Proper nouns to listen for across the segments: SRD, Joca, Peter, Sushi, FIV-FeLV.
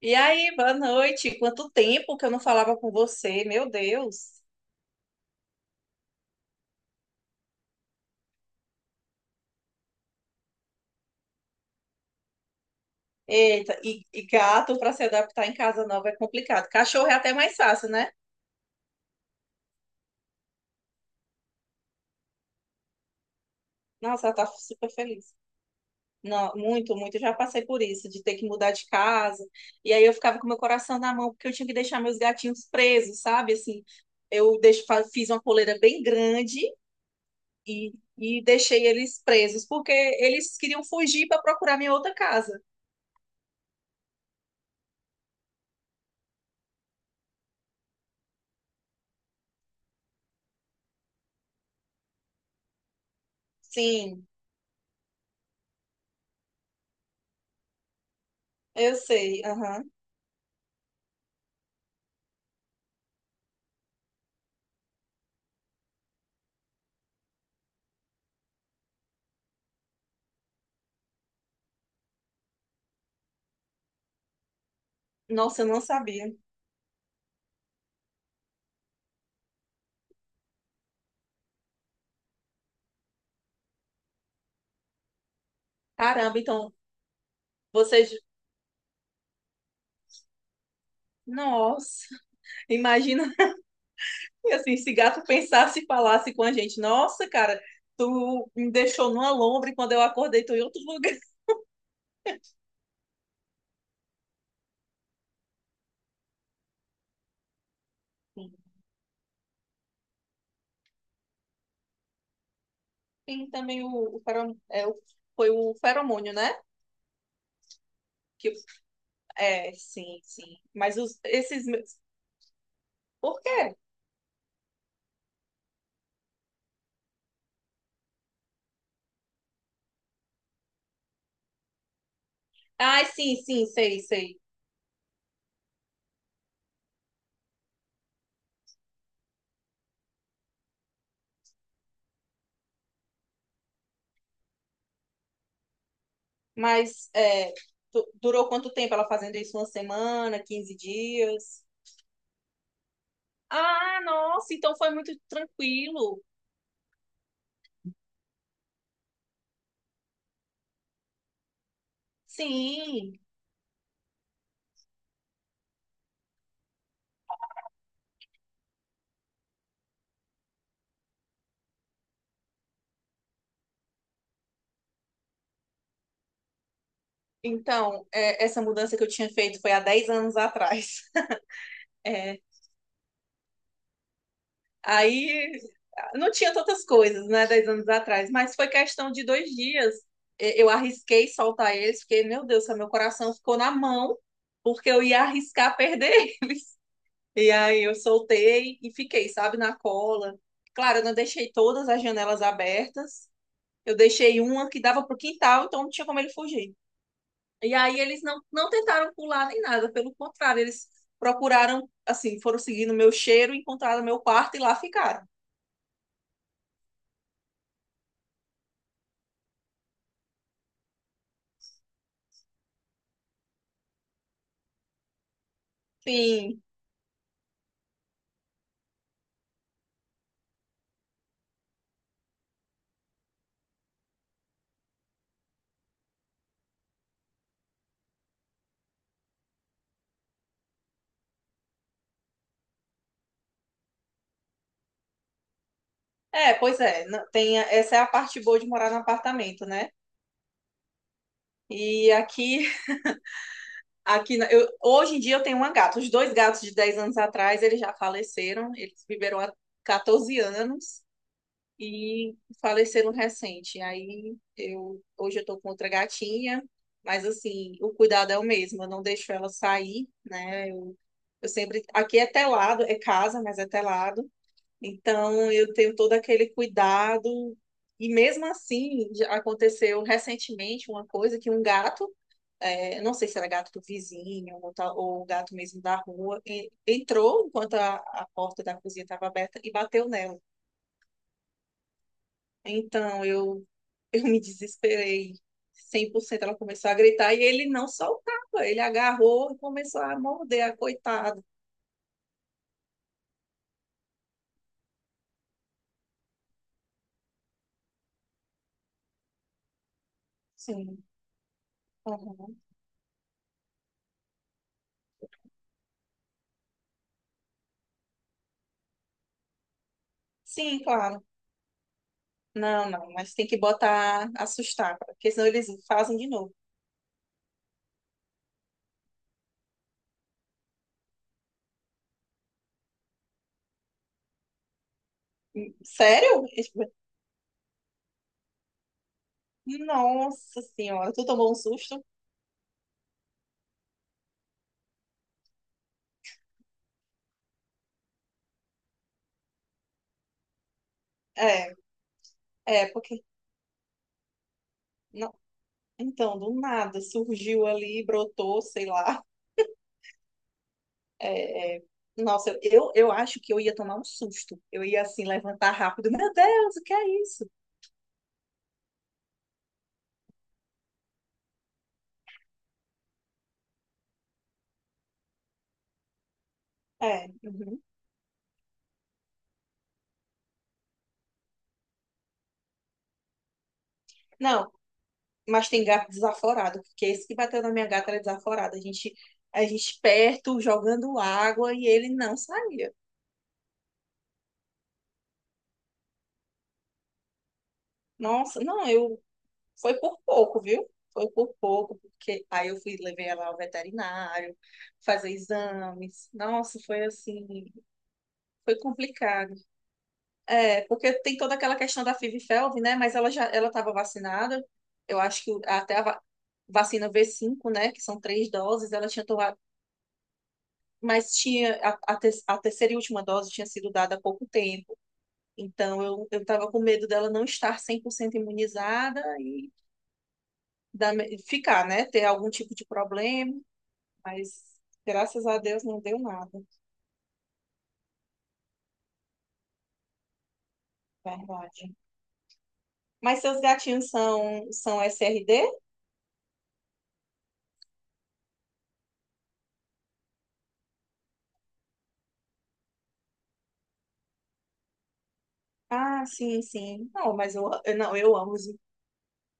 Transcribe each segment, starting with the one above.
E aí, boa noite. Quanto tempo que eu não falava com você, meu Deus. Eita, e gato para se adaptar em casa nova é complicado. Cachorro é até mais fácil, né? Nossa, ela tá super feliz. Não, muito, muito. Eu já passei por isso, de ter que mudar de casa. E aí eu ficava com meu coração na mão, porque eu tinha que deixar meus gatinhos presos, sabe? Assim, eu deixo, fiz uma coleira bem grande e deixei eles presos, porque eles queriam fugir para procurar minha outra casa. Sim, eu sei. Aham. Nossa, eu não sabia. Caramba, então vocês. Nossa, imagina assim, se gato pensasse e falasse com a gente. Nossa, cara, tu me deixou numa lombre quando eu acordei, tô em outro lugar. Tem também o, foi o feromônio, né? Que, sim, sim. Mas Por quê? Ai, sim, sim, sei, sei. Mas durou quanto tempo ela fazendo isso? Uma semana, 15 dias? Ah, nossa, então foi muito tranquilo. Sim, então, essa mudança que eu tinha feito foi há 10 anos atrás. É, aí não tinha tantas coisas, né, 10 anos atrás, mas foi questão de 2 dias. Eu arrisquei soltar eles, porque, meu Deus, meu coração ficou na mão, porque eu ia arriscar perder. E aí eu soltei e fiquei, sabe, na cola. Claro, eu não deixei todas as janelas abertas, eu deixei uma que dava para quintal, então não tinha como ele fugir. E aí eles não tentaram pular nem nada, pelo contrário, eles procuraram, assim, foram seguindo meu cheiro, encontraram meu quarto e lá ficaram. Sim. É, pois é, tem, essa é a parte boa de morar no apartamento, né? E aqui, hoje em dia eu tenho uma gata. Os dois gatos de 10 anos atrás, eles já faleceram, eles viveram há 14 anos. E faleceram recente. Aí eu hoje eu tô com outra gatinha, mas assim, o cuidado é o mesmo, eu não deixo ela sair, né? Eu sempre aqui é telado, é casa, mas é telado. Então eu tenho todo aquele cuidado e mesmo assim já aconteceu recentemente uma coisa que um gato não sei se era gato do vizinho ou, ou gato mesmo da rua. Entrou enquanto a porta da cozinha estava aberta e bateu nela. Então, eu, eu me desesperei cem por cento. Ela começou a gritar e ele não soltava. Ele agarrou e começou a morder a coitada. Sim, uhum. Sim, claro. Não, não, mas tem que botar, assustar, porque senão eles fazem de novo. Sério? Nossa senhora, tu tomou um susto? É, é, porque. Não, então, do nada surgiu ali, brotou, sei lá. É, nossa, eu acho que eu ia tomar um susto. Eu ia assim levantar rápido. Meu Deus, o que é isso? É, uhum. Não, mas tem gato desaforado, porque esse que bateu na minha gata era desaforado. A gente perto, jogando água e ele não saía. Nossa, não, eu foi por pouco, viu? Foi por pouco, porque aí eu fui levei ela ao veterinário, fazer exames. Nossa, foi assim, foi complicado. É, porque tem toda aquela questão da FIV-FeLV, né? Mas ela já ela estava vacinada. Eu acho que até a vacina V5, né? Que são 3 doses, ela tinha tomado. Mas tinha a terceira e última dose tinha sido dada há pouco tempo. Então eu estava com medo dela não estar 100% imunizada e ficar, né? Ter algum tipo de problema. Mas graças a Deus não deu nada, verdade. Mas seus gatinhos são SRD? Ah, sim, sim. Não, mas não, eu amo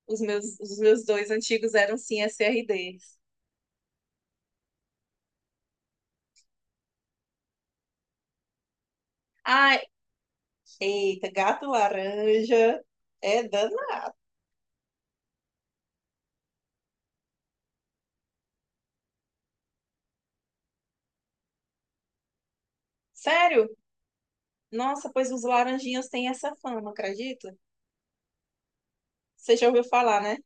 os meus dois antigos eram sim SRD. Ai, eita, gato laranja. É dano. Sério? Nossa, pois os laranjinhas têm essa fama, acredita? Você já ouviu falar, né?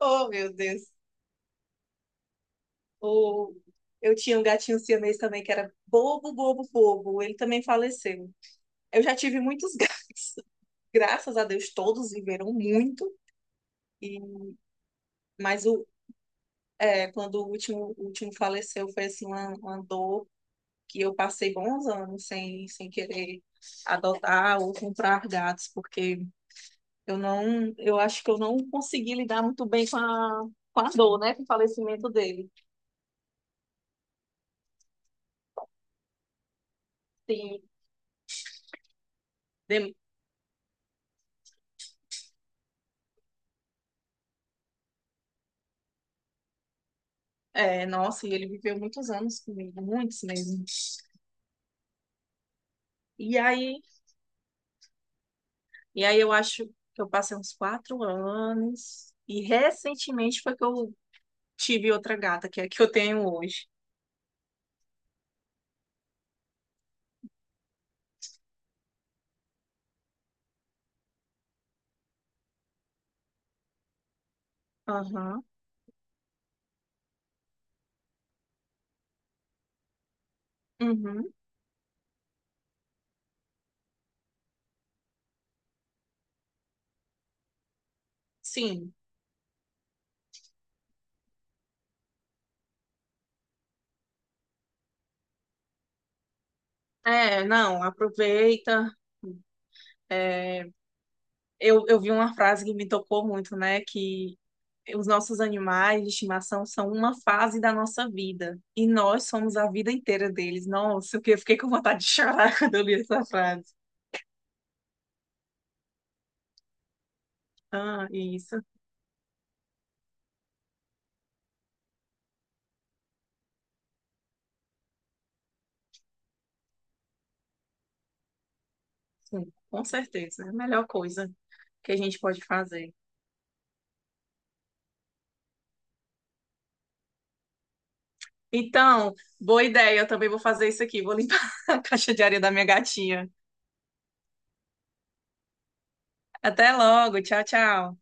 Oh, meu Deus. O... Eu tinha um gatinho siamês também que era bobo, bobo, bobo. Ele também faleceu. Eu já tive muitos gatos, graças a Deus, todos viveram muito. E... Mas o... quando o último faleceu, foi assim, uma dor que eu passei bons anos sem querer adotar ou comprar gatos, porque eu acho que eu não consegui lidar muito bem com a dor, né, com o falecimento dele. Tem, de- nossa, e ele viveu muitos anos comigo, muitos mesmo. E aí, e aí eu acho que eu passei uns 4 anos e recentemente foi que eu tive outra gata, que é a que eu tenho hoje. Aham, uhum, sim. É, não, aproveita. É, eu vi uma frase que me tocou muito, né? Que os nossos animais de estimação são uma fase da nossa vida. E nós somos a vida inteira deles. Nossa, que eu fiquei com vontade de chorar quando eu li essa frase. Ah, isso. Sim, com certeza. É a melhor coisa que a gente pode fazer. Então, boa ideia. Eu também vou fazer isso aqui. Vou limpar a caixa de areia da minha gatinha. Até logo. Tchau, tchau.